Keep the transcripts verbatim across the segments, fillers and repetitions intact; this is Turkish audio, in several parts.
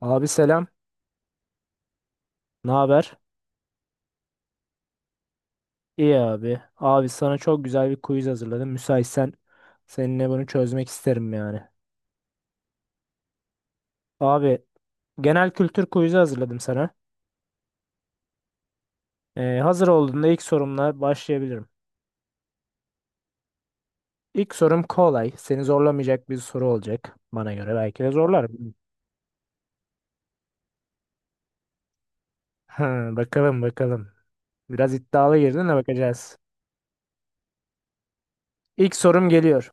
Abi selam. Ne haber? İyi abi. Abi sana çok güzel bir quiz hazırladım. Müsaitsen seninle bunu çözmek isterim yani. Abi genel kültür quizi hazırladım sana. Ee, hazır olduğunda ilk sorumla başlayabilirim. İlk sorum kolay. Seni zorlamayacak bir soru olacak. Bana göre belki de zorlar. Ha, bakalım bakalım. Biraz iddialı girdin de bakacağız. İlk sorum geliyor.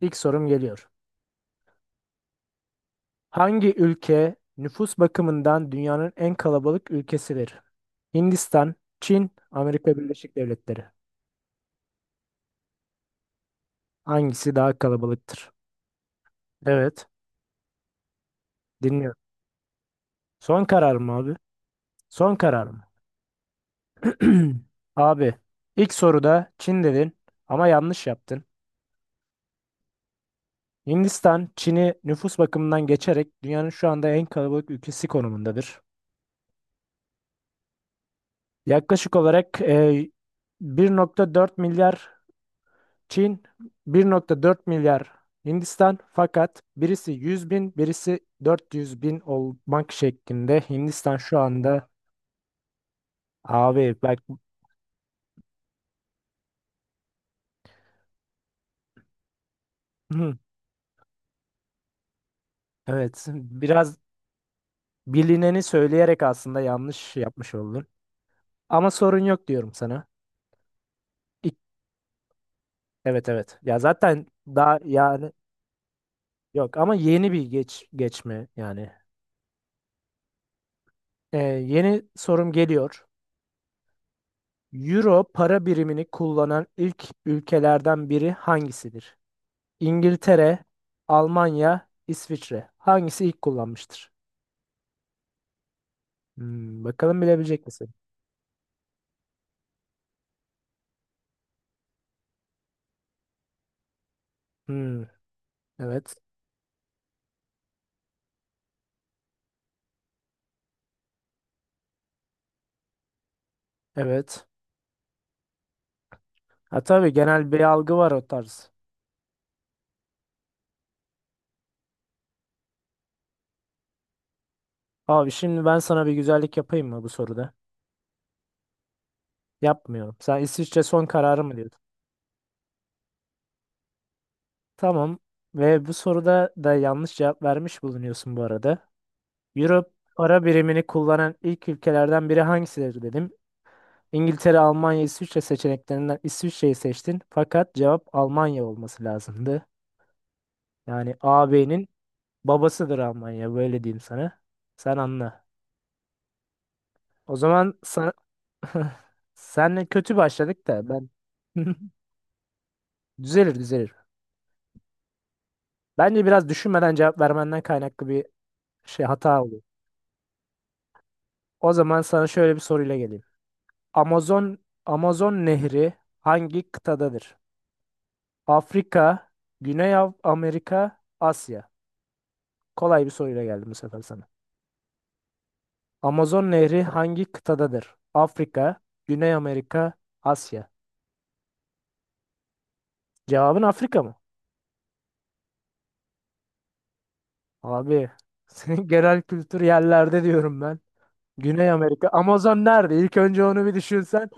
İlk sorum geliyor. Hangi ülke nüfus bakımından dünyanın en kalabalık ülkesidir? Hindistan, Çin, Amerika Birleşik Devletleri. Hangisi daha kalabalıktır? Evet, dinliyorum. Son karar mı abi? Son karar mı? Abi, ilk soruda Çin dedin ama yanlış yaptın. Hindistan, Çin'i nüfus bakımından geçerek dünyanın şu anda en kalabalık ülkesi konumundadır. Yaklaşık olarak e, bir nokta dört milyar Çin, bir nokta dört milyar Hindistan, fakat birisi yüz bin, birisi dört yüz bin olmak şeklinde Hindistan şu anda abi bak. Evet, biraz bilineni söyleyerek aslında yanlış yapmış oldun ama sorun yok diyorum sana. İk- evet, evet, ya zaten daha yani, yok ama yeni bir geç geçme yani. Ee, yeni sorum geliyor. Euro para birimini kullanan ilk ülkelerden biri hangisidir? İngiltere, Almanya, İsviçre. Hangisi ilk kullanmıştır? Hmm, bakalım bilebilecek misin? Hmm, evet. Evet. Ha, tabii, genel bir algı var o tarz. Abi şimdi ben sana bir güzellik yapayım mı bu soruda? Yapmıyorum. Sen İsviçre son kararı mı diyordun? Tamam. Ve bu soruda da yanlış cevap vermiş bulunuyorsun bu arada. Euro para birimini kullanan ilk ülkelerden biri hangisidir dedim. İngiltere, Almanya, İsviçre seçeneklerinden İsviçre'yi seçtin. Fakat cevap Almanya olması lazımdı. Yani ağabeyinin babasıdır Almanya, böyle diyeyim sana. Sen anla. O zaman sen senle kötü başladık da ben düzelir düzelir. Bence biraz düşünmeden cevap vermenden kaynaklı bir şey, hata oldu. O zaman sana şöyle bir soruyla geleyim. Amazon Amazon Nehri hangi kıtadadır? Afrika, Güney Av- Amerika, Asya. Kolay bir soruyla geldim bu sefer sana. Amazon Nehri hangi kıtadadır? Afrika, Güney Amerika, Asya. Cevabın Afrika mı? Abi, senin genel kültür yerlerde diyorum ben. Güney Amerika. Amazon nerede? İlk önce onu bir düşünsen.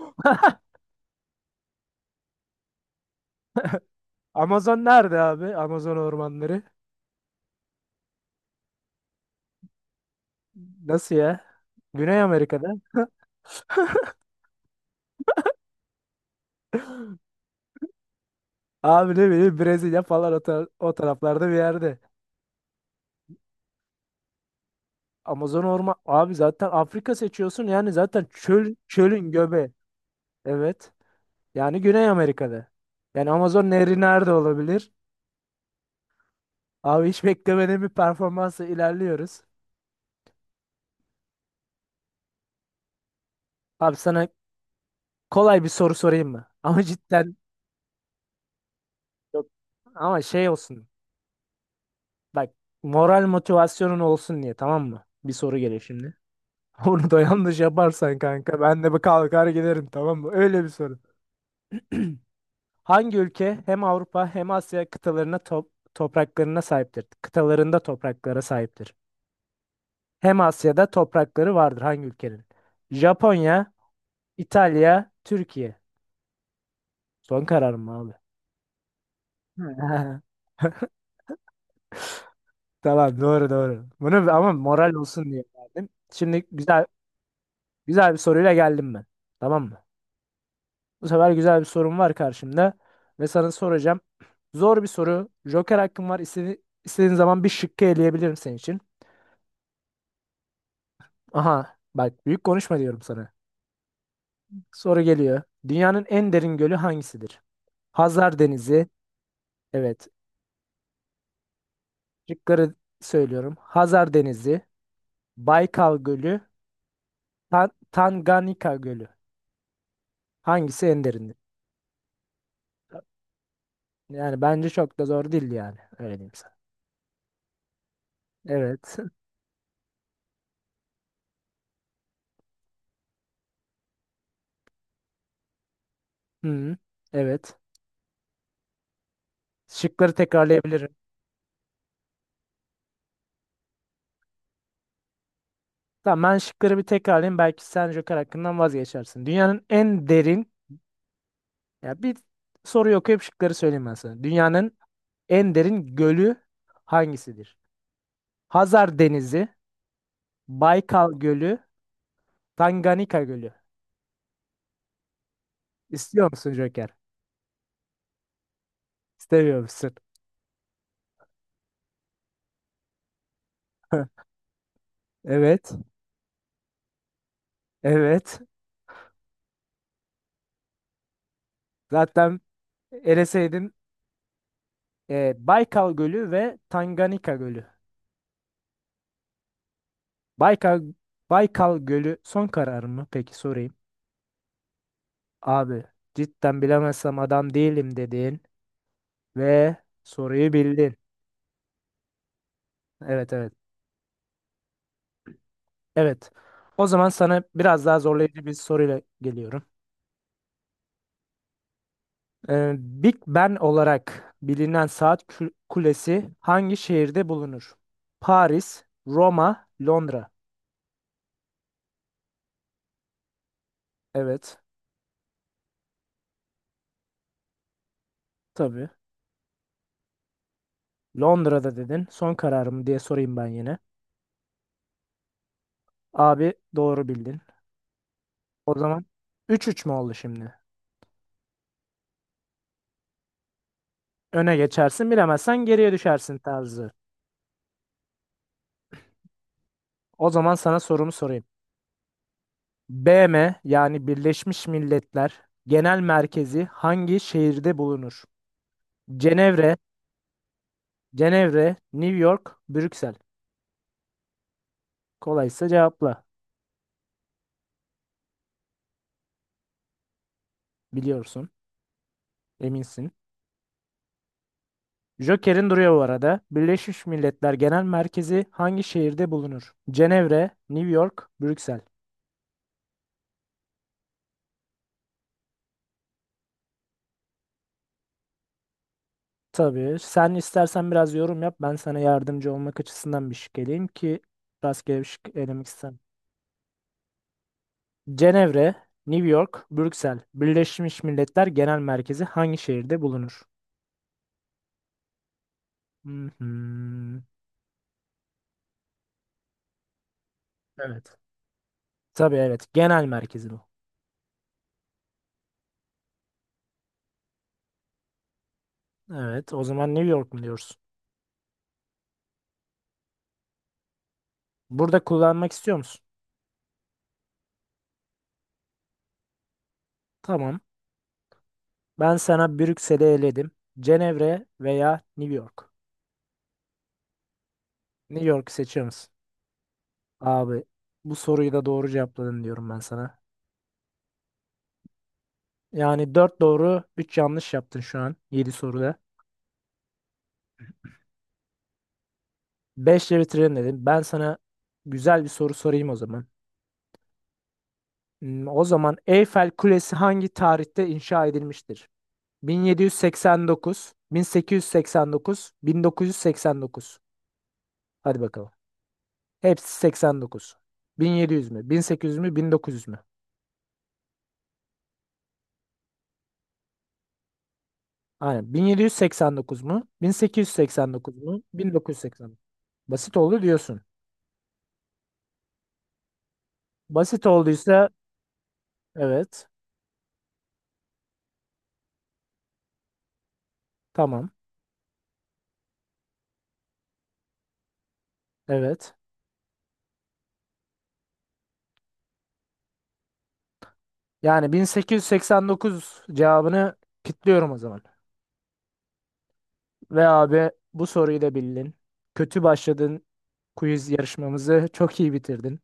Amazon nerede abi? Amazon ormanları. Nasıl ya? Güney Amerika'da. Abi ne bileyim, Brezilya falan, o, tar- o taraflarda bir yerde. Amazon orman. Abi zaten Afrika seçiyorsun. Yani zaten çöl, çölün göbeği. Evet. Yani Güney Amerika'da. Yani Amazon Nehri nerede olabilir? Abi hiç beklemediğim bir performansla ilerliyoruz. Abi sana kolay bir soru sorayım mı? Ama cidden. Yok, ama şey olsun. Bak, moral motivasyonun olsun diye, tamam mı? Bir soru geliyor şimdi. Onu da yanlış yaparsan kanka, ben de bir kalkar giderim, tamam mı? Öyle bir soru. Hangi ülke hem Avrupa hem Asya kıtalarına top- topraklarına sahiptir? Kıtalarında topraklara sahiptir. Hem Asya'da toprakları vardır hangi ülkenin? Japonya, İtalya, Türkiye. Son kararım abi. Tamam, doğru doğru. Bunu ama moral olsun diye verdim. Şimdi güzel güzel bir soruyla geldim ben. Tamam mı? Bu sefer güzel bir sorum var karşımda ve sana soracağım. Zor bir soru. Joker hakkın var. İstediğin, istediğin zaman bir şıkkı eleyebilirim senin için. Aha bak, büyük konuşma diyorum sana. Soru geliyor. Dünyanın en derin gölü hangisidir? Hazar Denizi. Evet. Şıkları söylüyorum. Hazar Denizi, Baykal Gölü, Tan- Tanganyika Gölü. Hangisi en derindir? Yani bence çok da zor değil yani. Öyle diyeyim sana. Evet. Hı. Evet. Şıkları tekrarlayabilirim. Tamam, ben şıkları bir tekrarlayayım. Belki sen Joker hakkından vazgeçersin. Dünyanın en derin, ya bir soruyu okuyup şıkları söyleyeyim ben sana. Dünyanın en derin gölü hangisidir? Hazar Denizi, Baykal Gölü, Tanganyika Gölü. İstiyor musun Joker? İstemiyor musun? Evet. Evet. Zaten eleseydin e, Baykal Gölü ve Tanganyika Gölü. Baykal, Baykal Gölü son karar mı? Peki sorayım. Abi, cidden bilemezsem adam değilim dedin ve soruyu bildin. Evet, evet. Evet. O zaman sana biraz daha zorlayıcı bir soruyla geliyorum. Ee, Big Ben olarak bilinen saat kü- kulesi hangi şehirde bulunur? Paris, Roma, Londra. Evet. Tabii. Londra'da dedin. Son kararım diye sorayım ben yine. Abi, doğru bildin. O zaman üç üç mü oldu şimdi? Öne geçersin, bilemezsen geriye düşersin tarzı. O zaman sana sorumu sorayım. B M yani Birleşmiş Milletler Genel Merkezi hangi şehirde bulunur? Cenevre, Cenevre, New York, Brüksel. Kolaysa cevapla. Biliyorsun, eminsin. Joker'in duruyor bu arada. Birleşmiş Milletler Genel Merkezi hangi şehirde bulunur? Cenevre, New York, Brüksel. Tabii. Sen istersen biraz yorum yap. Ben sana yardımcı olmak açısından bir şık eleyeyim ki rastgele bir şık elemek. Cenevre, New York, Brüksel, Birleşmiş Milletler Genel Merkezi hangi şehirde bulunur? Hı hı. Evet. Tabii, evet. Genel merkezi bu. Evet. O zaman New York mu diyoruz? Burada kullanmak istiyor musun? Tamam. Ben sana Brüksel'i eledim. Cenevre veya New York. New York'u seçiyor musun? Abi, bu soruyu da doğru cevapladın diyorum ben sana. Yani dört doğru üç yanlış yaptın şu an yedi soruda. Beş ile bitirelim dedim. Ben sana güzel bir soru sorayım o zaman. Hmm, O zaman Eyfel Kulesi hangi tarihte inşa edilmiştir? bin yedi yüz seksen dokuz, bin sekiz yüz seksen dokuz, bin dokuz yüz seksen dokuz. Hadi bakalım. Hepsi seksen dokuz. bin yedi yüz mü? bin sekiz yüz mü? bin dokuz yüz mü? Aynen. bin yedi yüz seksen dokuz mu? bin sekiz yüz seksen dokuz mu? bin dokuz yüz seksen dokuz. Basit oldu diyorsun. Basit olduysa evet. Tamam. Evet. Yani bin sekiz yüz seksen dokuz cevabını kilitliyorum o zaman. Ve abi bu soruyu da bildin. Kötü başladın, quiz yarışmamızı çok iyi bitirdin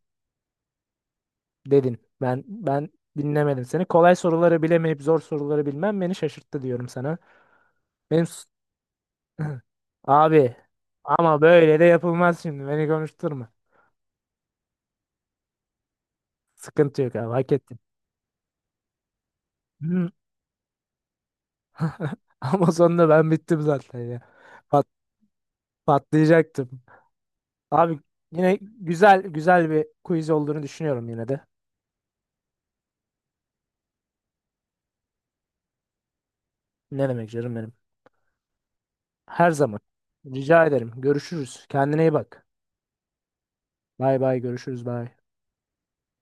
dedin. Ben ben dinlemedim seni. Kolay soruları bilemeyip zor soruları bilmem beni şaşırttı diyorum sana. Benim s- Abi, ama böyle de yapılmaz şimdi. Beni konuşturma. Sıkıntı yok abi, hak ettin. Hı. Ama sonunda ben bittim zaten ya. Pat, patlayacaktım. Abi, yine güzel güzel bir quiz olduğunu düşünüyorum yine de. Ne demek canım benim. Her zaman. Rica ederim. Görüşürüz. Kendine iyi bak. Bay bay, görüşürüz, bay.